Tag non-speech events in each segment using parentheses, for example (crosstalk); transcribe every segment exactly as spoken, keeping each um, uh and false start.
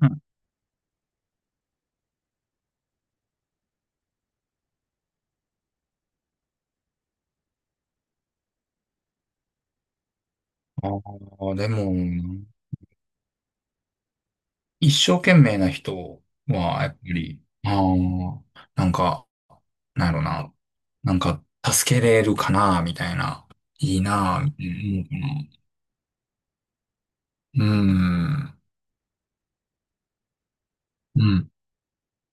うん。ああ、でも、一生懸命な人は、やっぱり、ああ、なんか、なんやろな、なんか、助けれるかな、みたいな、いいな、みたいな思うかな。うーん。うん。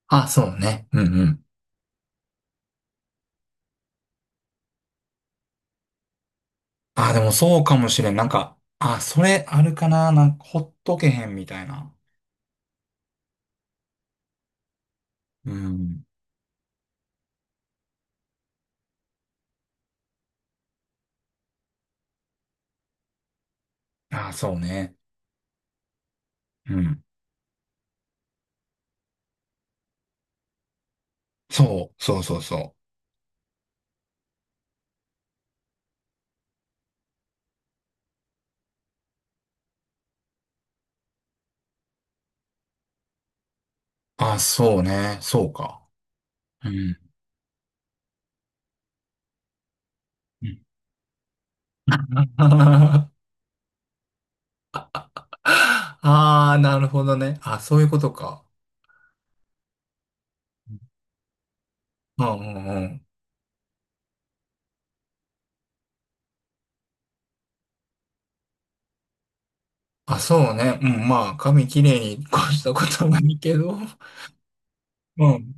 あ、そうね。うんうん。あ、でもそうかもしれん。なんか、あ、それあるかな、なんか、ほっとけへん、みたいな。うん。あ、そうね。うん。そう、そうそうそう。あ、そうね。そうか。うん。うん (laughs) ああ、なるほどね。あ、そういうことか。うんうんうん。あ、そうね。うん、まあ、髪きれいに越したことはないけど。うん。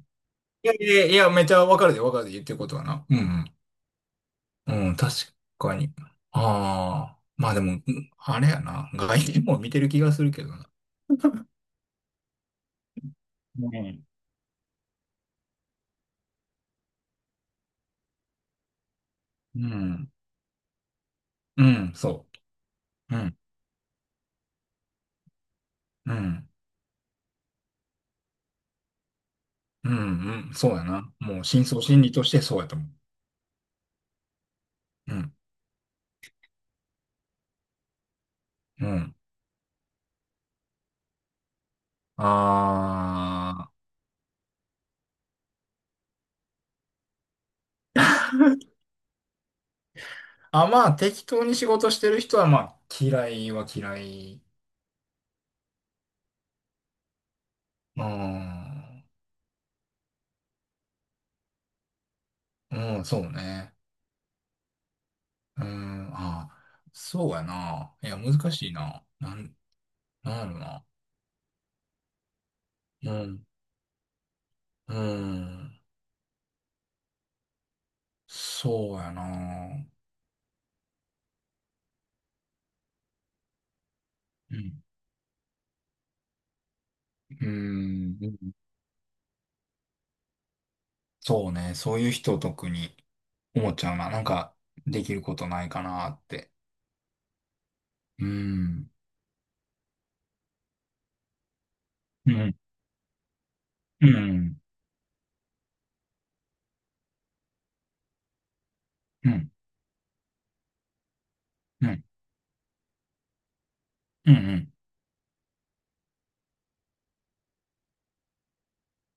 いやいやいや、めちゃわかるでわかるで言ってることはな。うんうん。うん、確かに。ああ、まあでも、うんあれやな。外見も見てる気がするけどな。うん。うん、うんそう。うん、うん、うん、うん、そうやな。もう、深層心理としてそうやと思う。うん、うん。ああ。あ、まあ適当に仕事してる人はまあ嫌いは嫌い。うーん。うん、そうね。うーん。ああ、そうやなあ。いや難しいな。あ、なんやろな。うーん。うーん。そうやなあ。うーん。そうね、そういう人特に思っちゃうな。なんかできることないかなあって。うーん。うーん。うーん。うーん。うーん。うーん。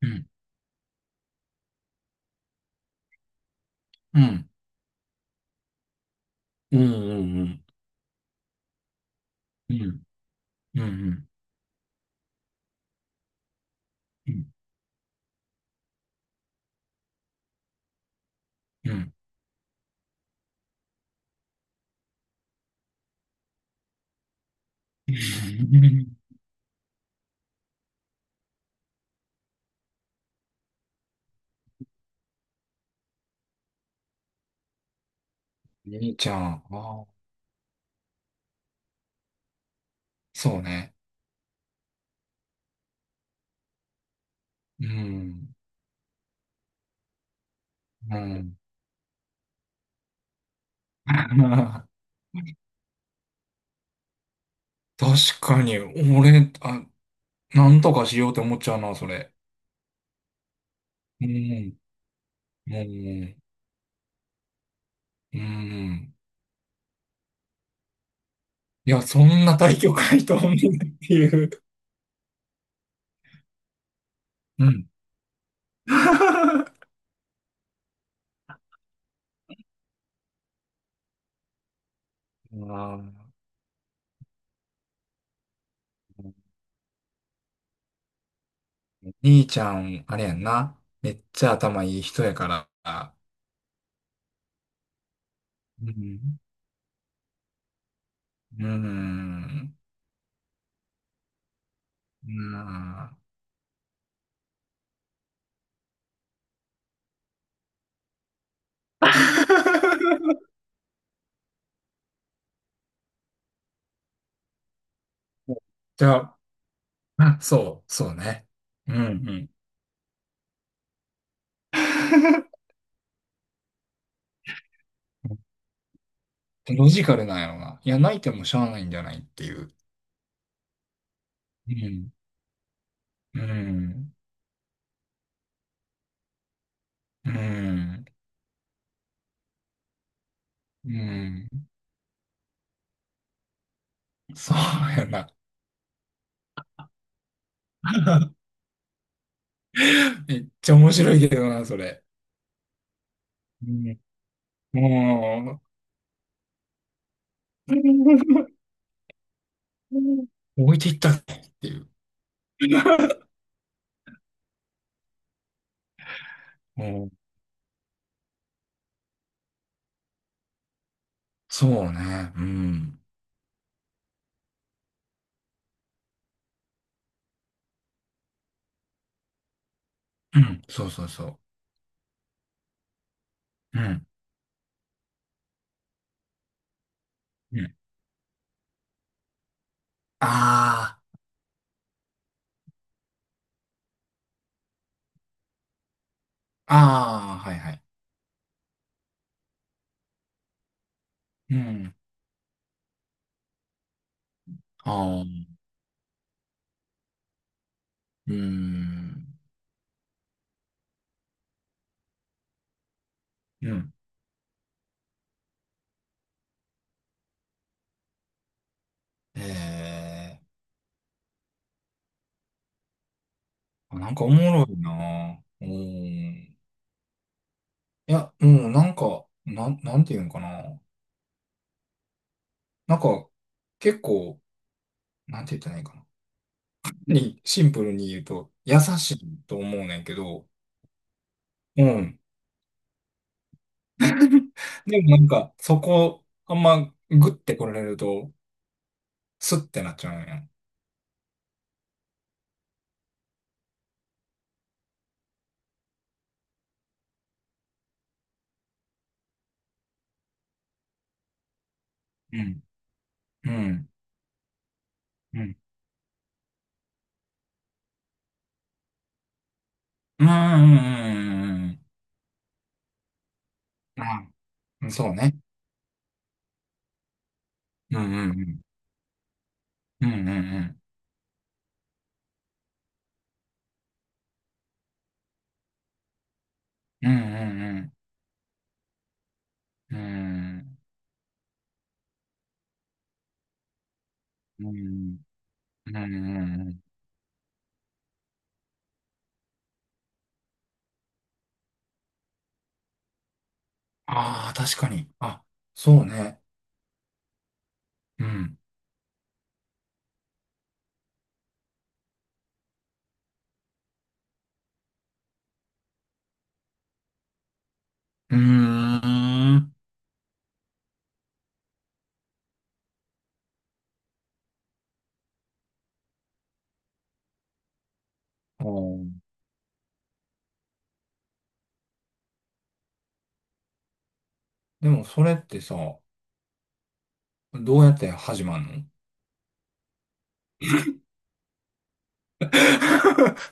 うーん。うーん。うん、うん、うん、うん。兄ちゃん、ああ、そうね。うん、うん。(laughs) 確かに、俺、あ、なんとかしようって思っちゃうな、それ。うん、うん、うん。いや、そんな大局ないと思うっていう。うん。(laughs) ああ兄ちゃん、あれやんな。めっちゃ頭いい人やから。うん。うん。うん。(laughs) じゃあ、まあ、そう、そうね。うんうん。ロジカルなんやろな。いや、泣いてもしゃあないんじゃないっていう。うん。うん。うん。うん。そうやな。めっちゃ面白いけどな、それ。うん。もう、置いていったねっていう。うん。そうね。うん。うん。そうそうそう。うん。うん。ああ。ああ、はいはい。うん。ああ。うーん。うん。ええ、あ、なんかおもろいな。うん。いや、うん、なんか、なん、なんていうんかな。なんか、結構、なんて言ったらいいかな。に、シンプルに言うと、優しいと思うねんけど、うん。(laughs) でもなんか、そこ、あんま、グッて来られると、スッてなっちゃうんや。うん。うん。うん。んうんうんうんうん。あ、そうね。うんうんうん。うんうんうん。うんうんうんうん。うん。うん。うん。ああ、確かに。あ、そうね。うん。うーん。あー、でも、それってさ、どうやって始まんの？ (laughs)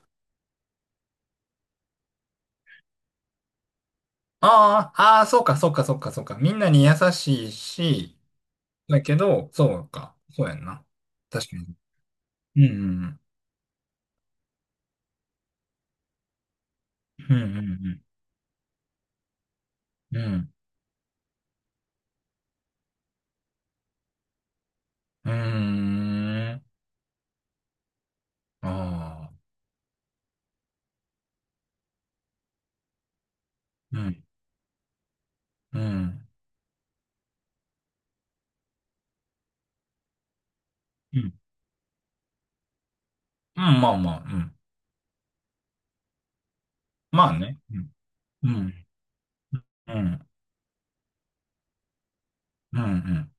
ああ、ああ、そうか、そうか、そうか、そうか。みんなに優しいし、だけど、そうか。そうやんな。確かに。うん。うん。うん。うん。うんうん。うーん。ああ。うん。うん。うん。うんまあまあ。うん。まあね。うん。うん。うん、うん、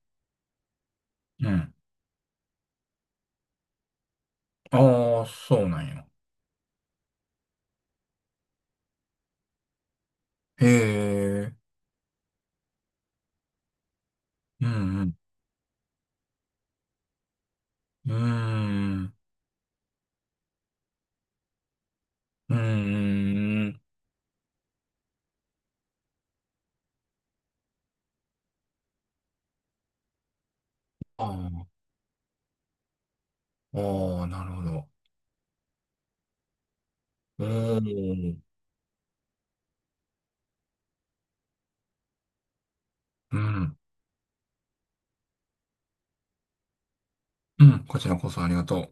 うん、うん。ああ、そうなんや。へえ、うん、うん、うーん、うーん。ああ、ああ、なるほど。おー。うん、うん、こちらこそありがとう。